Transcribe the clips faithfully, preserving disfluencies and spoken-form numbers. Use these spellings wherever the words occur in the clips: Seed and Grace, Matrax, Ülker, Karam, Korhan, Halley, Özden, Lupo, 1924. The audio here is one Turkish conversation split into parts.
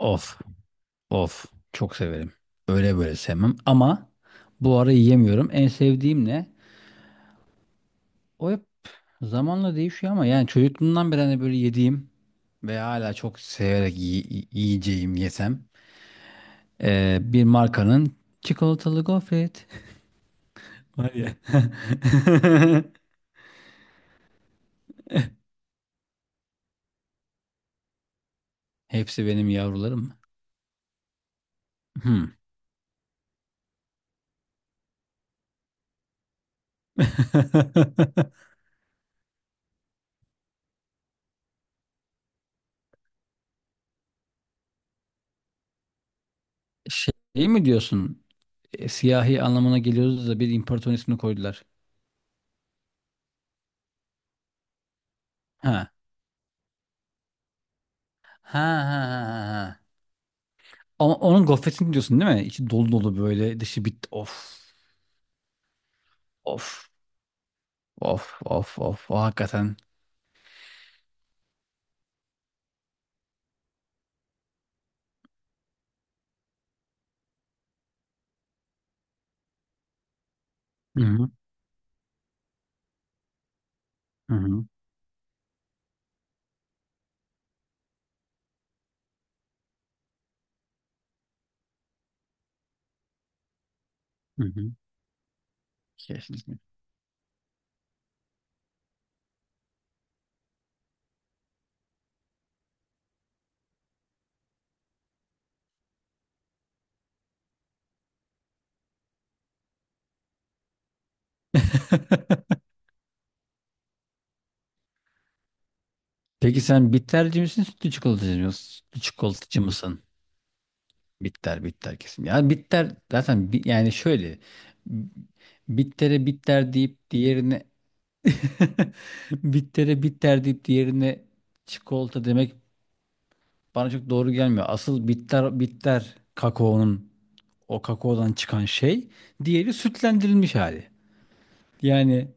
Of, of. Çok severim. Öyle böyle sevmem ama bu ara yiyemiyorum. En sevdiğim ne? O hep zamanla değişiyor ama yani çocukluğumdan beri hani böyle yediğim ve hala çok severek yi- yi- yiyeceğim yesem ee, bir markanın çikolatalı gofret var ya. Hepsi benim yavrularım. Hmm. Şey mi diyorsun? E, siyahi anlamına geliyordu da bir imparator ismini koydular. Ha. Ha ha ha ha. Ha. Ama onun gofretini diyorsun değil mi? İçi dolu dolu böyle dışı bit. Of. Of. Of. Of. Of. O hakikaten. Hı hı. Hı hı. Hı hı. Kesinlikle. Peki sen bitterci misin, sütlü çikolatacı mısın? Sütlü çikolatacı mısın? Bitter, bitter kesin. Yani bitter zaten bi- yani şöyle bittere bitter deyip diğerine bittere bitter deyip diğerine çikolata demek bana çok doğru gelmiyor. Asıl bitter bitter kakaonun o kakaodan çıkan şey. Diğeri sütlendirilmiş hali. Yani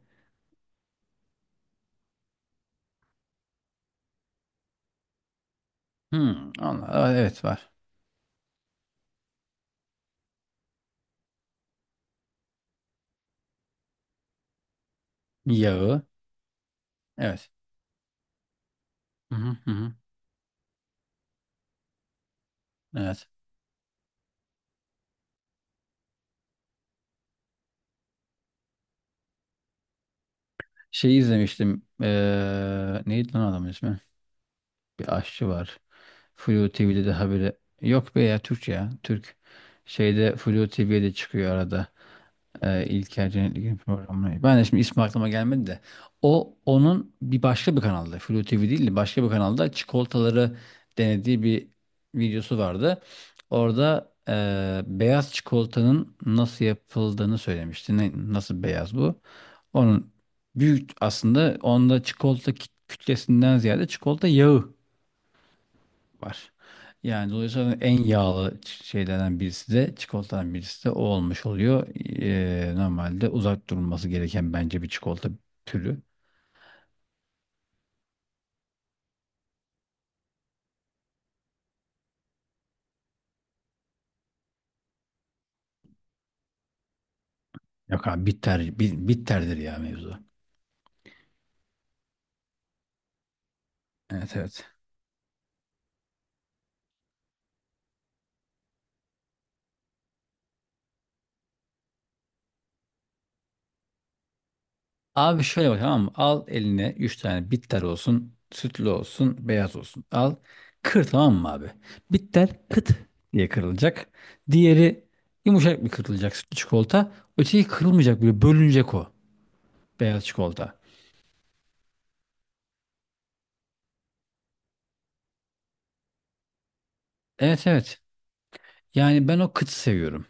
hmm, anla- Aa, evet var. Yağı. Evet. Hı hı hı. hı. Evet. Şeyi izlemiştim. Ee, neydi lan adamın ismi? Bir aşçı var. Flu T V'de de haberi. Yok be ya Türk ya. Türk. Şeyde Flu T V'de çıkıyor arada. E, İlker Cennetli Gün programına. Ben de şimdi ismi aklıma gelmedi de. O onun bir başka bir kanalda. Flu T V değil de başka bir kanalda çikolataları denediği bir videosu vardı. Orada e, beyaz çikolatanın nasıl yapıldığını söylemişti. Ne, nasıl beyaz bu? Onun büyük aslında onda çikolata kit- kütlesinden ziyade çikolata yağı var. Yani dolayısıyla en yağlı ç- şeylerden birisi de çikolatadan birisi de o olmuş oluyor. Ee, normalde uzak durulması gereken bence bir çikolata türü. Yok abi bitter, bi- bitterdir ya mevzu. Evet evet. Abi şöyle bak tamam mı? Al eline üç tane bitter olsun, sütlü olsun, beyaz olsun. Al kır tamam mı abi? Bitter kıt diye kırılacak. Diğeri yumuşak bir kırılacak sütlü çikolata. Öteki kırılmayacak böyle bölünecek o beyaz çikolata. Evet evet. Yani ben o kıtı seviyorum.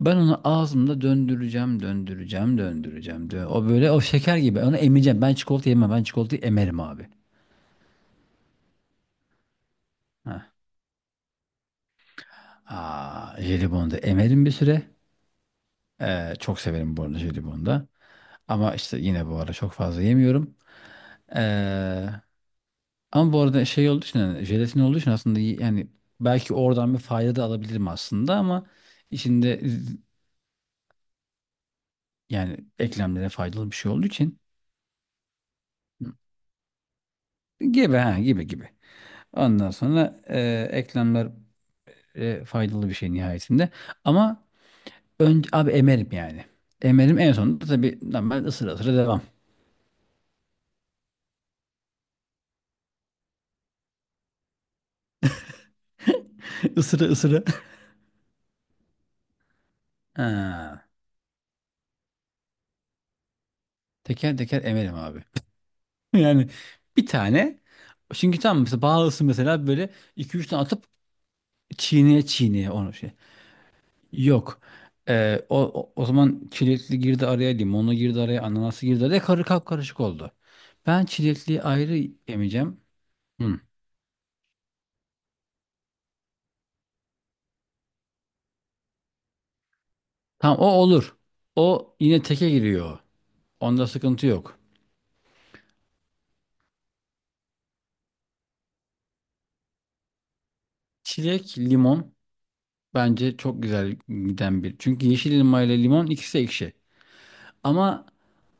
Ben onu ağzımda döndüreceğim, döndüreceğim, döndüreceğim. dö- O böyle o şeker gibi. Onu emeceğim. Ben çikolata yemem. Ben çikolatayı emerim abi. Heh. Aa, jelibonu da emerim bir süre. Ee, çok severim bu arada jelibonu da. Ama işte yine bu ara çok fazla yemiyorum. Ee, ama bu arada şey olduğu için yani jelatin olduğu için aslında y- yani belki oradan bir fayda da alabilirim aslında ama içinde z- yani eklemlere faydalı bir şey olduğu için gibi ha gibi gibi. Ondan sonra e, eklemler e, faydalı bir şey nihayetinde. Ama önce abi emerim yani. Emerim en sonunda tabii normal ısıra ısıra devam. Isıra ısıra. Ha, teker teker emerim abi. Yani bir tane çünkü tam mesela bağlısı mesela böyle iki üç tane atıp çiğneye çiğneye onu şey. Yok. E, o, o, o zaman çilekli girdi araya, limonlu girdi araya, ananası girdi araya karı karışık oldu. Ben çilekliyi ayrı emeceğim. Hı. Tamam o olur. O yine teke giriyor. Onda sıkıntı yok. Çilek, limon bence çok güzel giden bir. Çünkü yeşil elma ile limon ikisi ekşi. Ama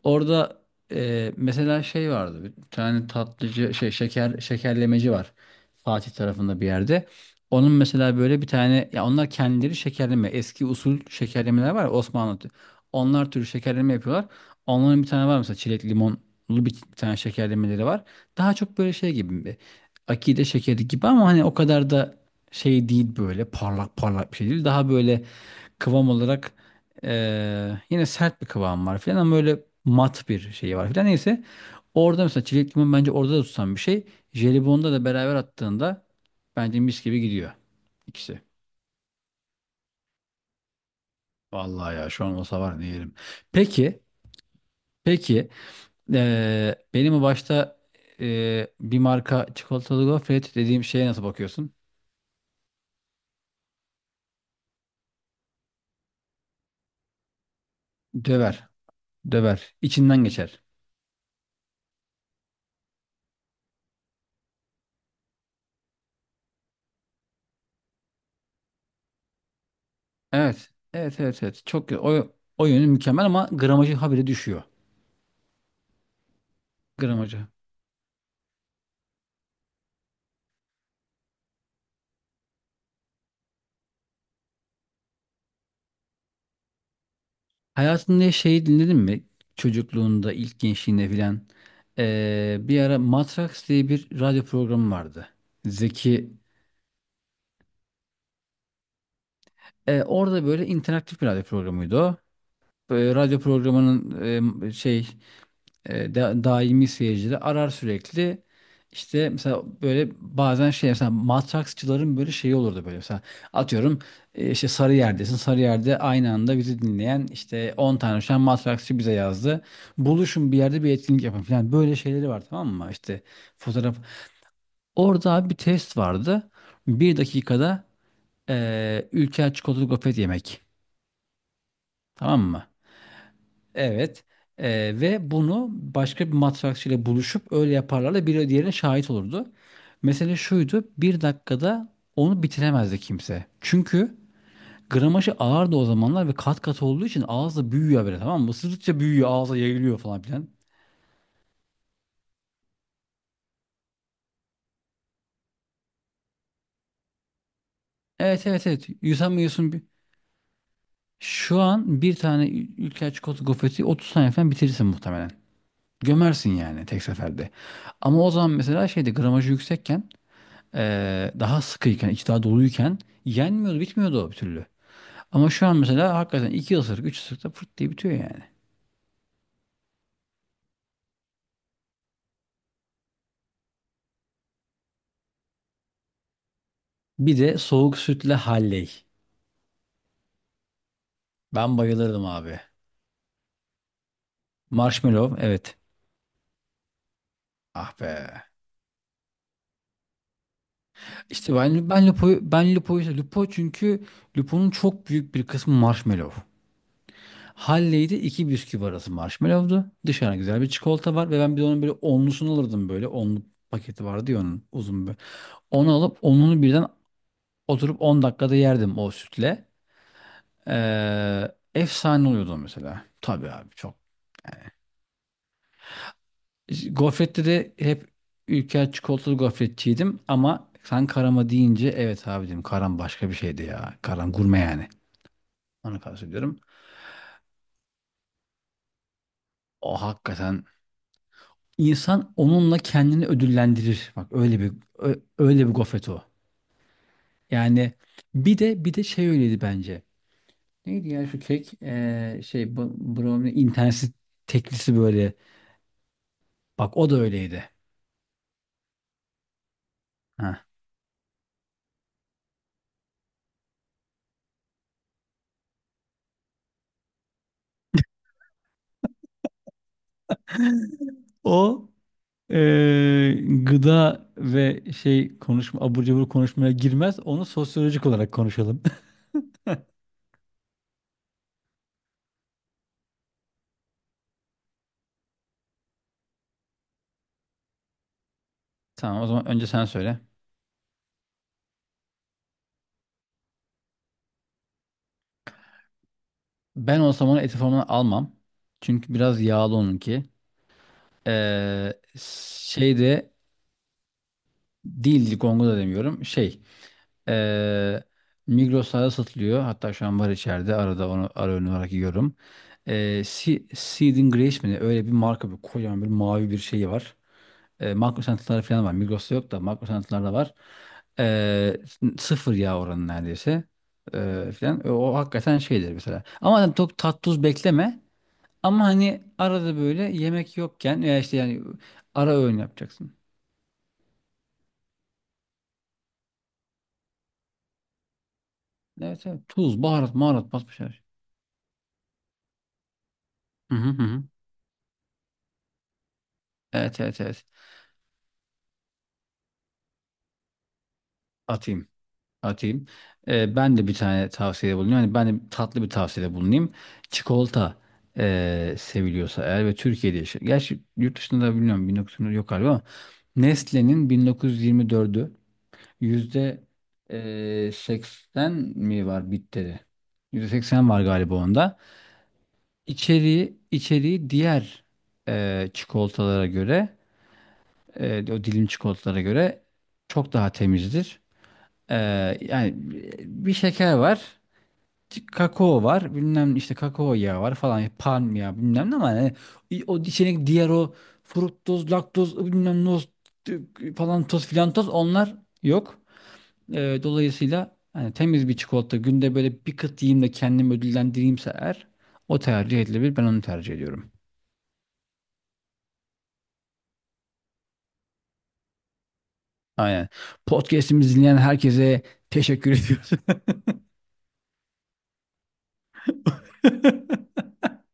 orada e, mesela şey vardı. Bir tane tatlıcı şey şeker şekerlemeci var. Fatih tarafında bir yerde. Onun mesela böyle bir tane ya onlar kendileri şekerleme eski usul şekerlemeler var ya Osmanlı. tü- Onlar türü şekerleme yapıyorlar. Onların bir tane var mesela çilek limonlu bir, bir tane şekerlemeleri var. Daha çok böyle şey gibi bir akide şekeri gibi ama hani o kadar da şey değil böyle parlak parlak bir şey değil. Daha böyle kıvam olarak ee, yine sert bir kıvam var filan ama böyle mat bir şey var filan. Neyse orada mesela çilek limon bence orada da tutan bir şey. Jelibon'da da beraber attığında bence mis gibi gidiyor ikisi. Vallahi ya şu an olsa var ne yerim. Peki, peki ee, benim o başta ee, bir marka çikolatalı gofret dediğim şeye nasıl bakıyorsun? Döver, döver, İçinden geçer. Evet, evet, evet, evet. Çok o, o yönü mükemmel ama gramajı habire düşüyor. Gramajı hayatında şeyi dinledin mi? Çocukluğunda, ilk gençliğinde filan. Ee, bir ara Matrax diye bir radyo programı vardı. Zeki. Ee, orada böyle interaktif bir radyo programıydı o. Ee, radyo programının e, şey e, da- daimi seyircileri arar sürekli. İşte mesela böyle bazen şey mesela matraksçıların böyle şeyi olurdu böyle mesela atıyorum e, işte Sarıyer'desin Sarıyer'de aynı anda bizi dinleyen işte on tane şu an matraksçı bize yazdı. Buluşun bir yerde bir etkinlik yapın falan böyle şeyleri var tamam mı? İşte fotoğraf. Orada abi bir test vardı. Bir dakikada e, Ülker çikolatalı gofret yemek. Tamam mı? Evet. Ee, ve bunu başka bir matrakçıyla buluşup öyle yaparlarla biri diğerine şahit olurdu. Mesele şuydu. Bir dakikada onu bitiremezdi kimse. Çünkü gramajı ağırdı o zamanlar ve kat kat olduğu için ağızda büyüyor böyle tamam mı? Isırdıkça büyüyor ağza yayılıyor falan filan. Evet evet evet. Yutamıyorsun. bir- Şu an bir tane ü- ülker çikolata gofreti otuz saniye falan bitirirsin muhtemelen. Gömersin yani tek seferde. Ama o zaman mesela şeydi gramajı yüksekken Ee, daha sıkıyken, içi daha doluyken yenmiyordu, bitmiyordu o bir türlü. Ama şu an mesela hakikaten iki ısırık, üç ısırıkta fırt diye bitiyor yani. Bir de soğuk sütle halley. Ben bayılırdım abi. Marshmallow, evet. Ah be. İşte ben, ben Lupo'yu, ben Lupo'yu, sev- Lupo çünkü Lupo'nun çok büyük bir kısmı marshmallow. Halley'de iki bisküvi arası marshmallow'du. Dışarı güzel bir çikolata var ve ben bir de onun böyle onlusunu alırdım böyle. Onlu paketi vardı ya onun uzun böyle. Onu alıp onunu birden oturup on dakikada yerdim o sütle. Ee, efsane oluyordu mesela. Tabii abi çok. Gofrette de hep Ülker çikolatalı gofretçiydim ama sen karama deyince evet abi dedim karam başka bir şeydi ya. Karam gurme yani. Onu kastediyorum. O hakikaten insan onunla kendini ödüllendirir. Bak öyle bir ö- öyle bir gofret o. Yani bir de bir de şey öyleydi bence. Neydi ya şu kek? Ee, şey bu- brownie interneti teklisi böyle. Bak o da öyleydi. Heh. O eee, gıda ve şey konuşma abur cubur konuşmaya girmez. Onu sosyolojik olarak konuşalım. Tamam o zaman önce sen söyle. Ben olsam onu eti formuna almam. Çünkü biraz yağlı onunki. Ee, şey de değil Ligongo da demiyorum. Şey ee, Migros'ta satılıyor. Hatta şu an var içeride. Arada onu ara öğün olarak yiyorum. Ee, Se- Seed and Grace mi ne? Öyle bir marka bir kocaman bir mavi bir şeyi var. E, makro santralar falan var. Migros'ta yok da makro santralarda var. E, sıfır yağ oranı neredeyse. E, falan. E, O, hakikaten şeydir mesela. Ama hani çok tat tuz bekleme. Ama hani arada böyle yemek yokken veya işte yani ara öğün yapacaksın. Evet evet. Tuz, baharat, maharat basmış her şey. Hı hı hı. hı. Evet evet evet. Atayım. Atayım. Ee, ben de bir tane tavsiyede bulunuyorum. Yani ben de tatlı bir tavsiyede bulunayım. Çikolata e, seviliyorsa eğer ve Türkiye'de yaşıyor. Gerçi yurt dışında da bilmiyorum bin dokuz yüz yirmi dört yok galiba ama Nestle'nin bin dokuz yüz yirmi dördü yüzde e, seksen mi var bitteri? Yüzde seksen var galiba onda. İçeriği, içeriği diğer e, çikolatalara göre e, o dilim çikolatalara göre çok daha temizdir. Ee, yani bir şeker var. Kakao var bilmem işte kakao yağı var falan palm yağı bilmem ne ama yani i- o içine diğer o fruktoz laktoz bilmem noz e, falan toz filan toz onlar yok. Ee, dolayısıyla hani temiz bir çikolata günde böyle bir kıt yiyeyim de kendimi ödüllendireyimse eğer o tercih edilebilir ben onu tercih ediyorum. Aynen. Podcast'imizi dinleyen herkese teşekkür ediyoruz.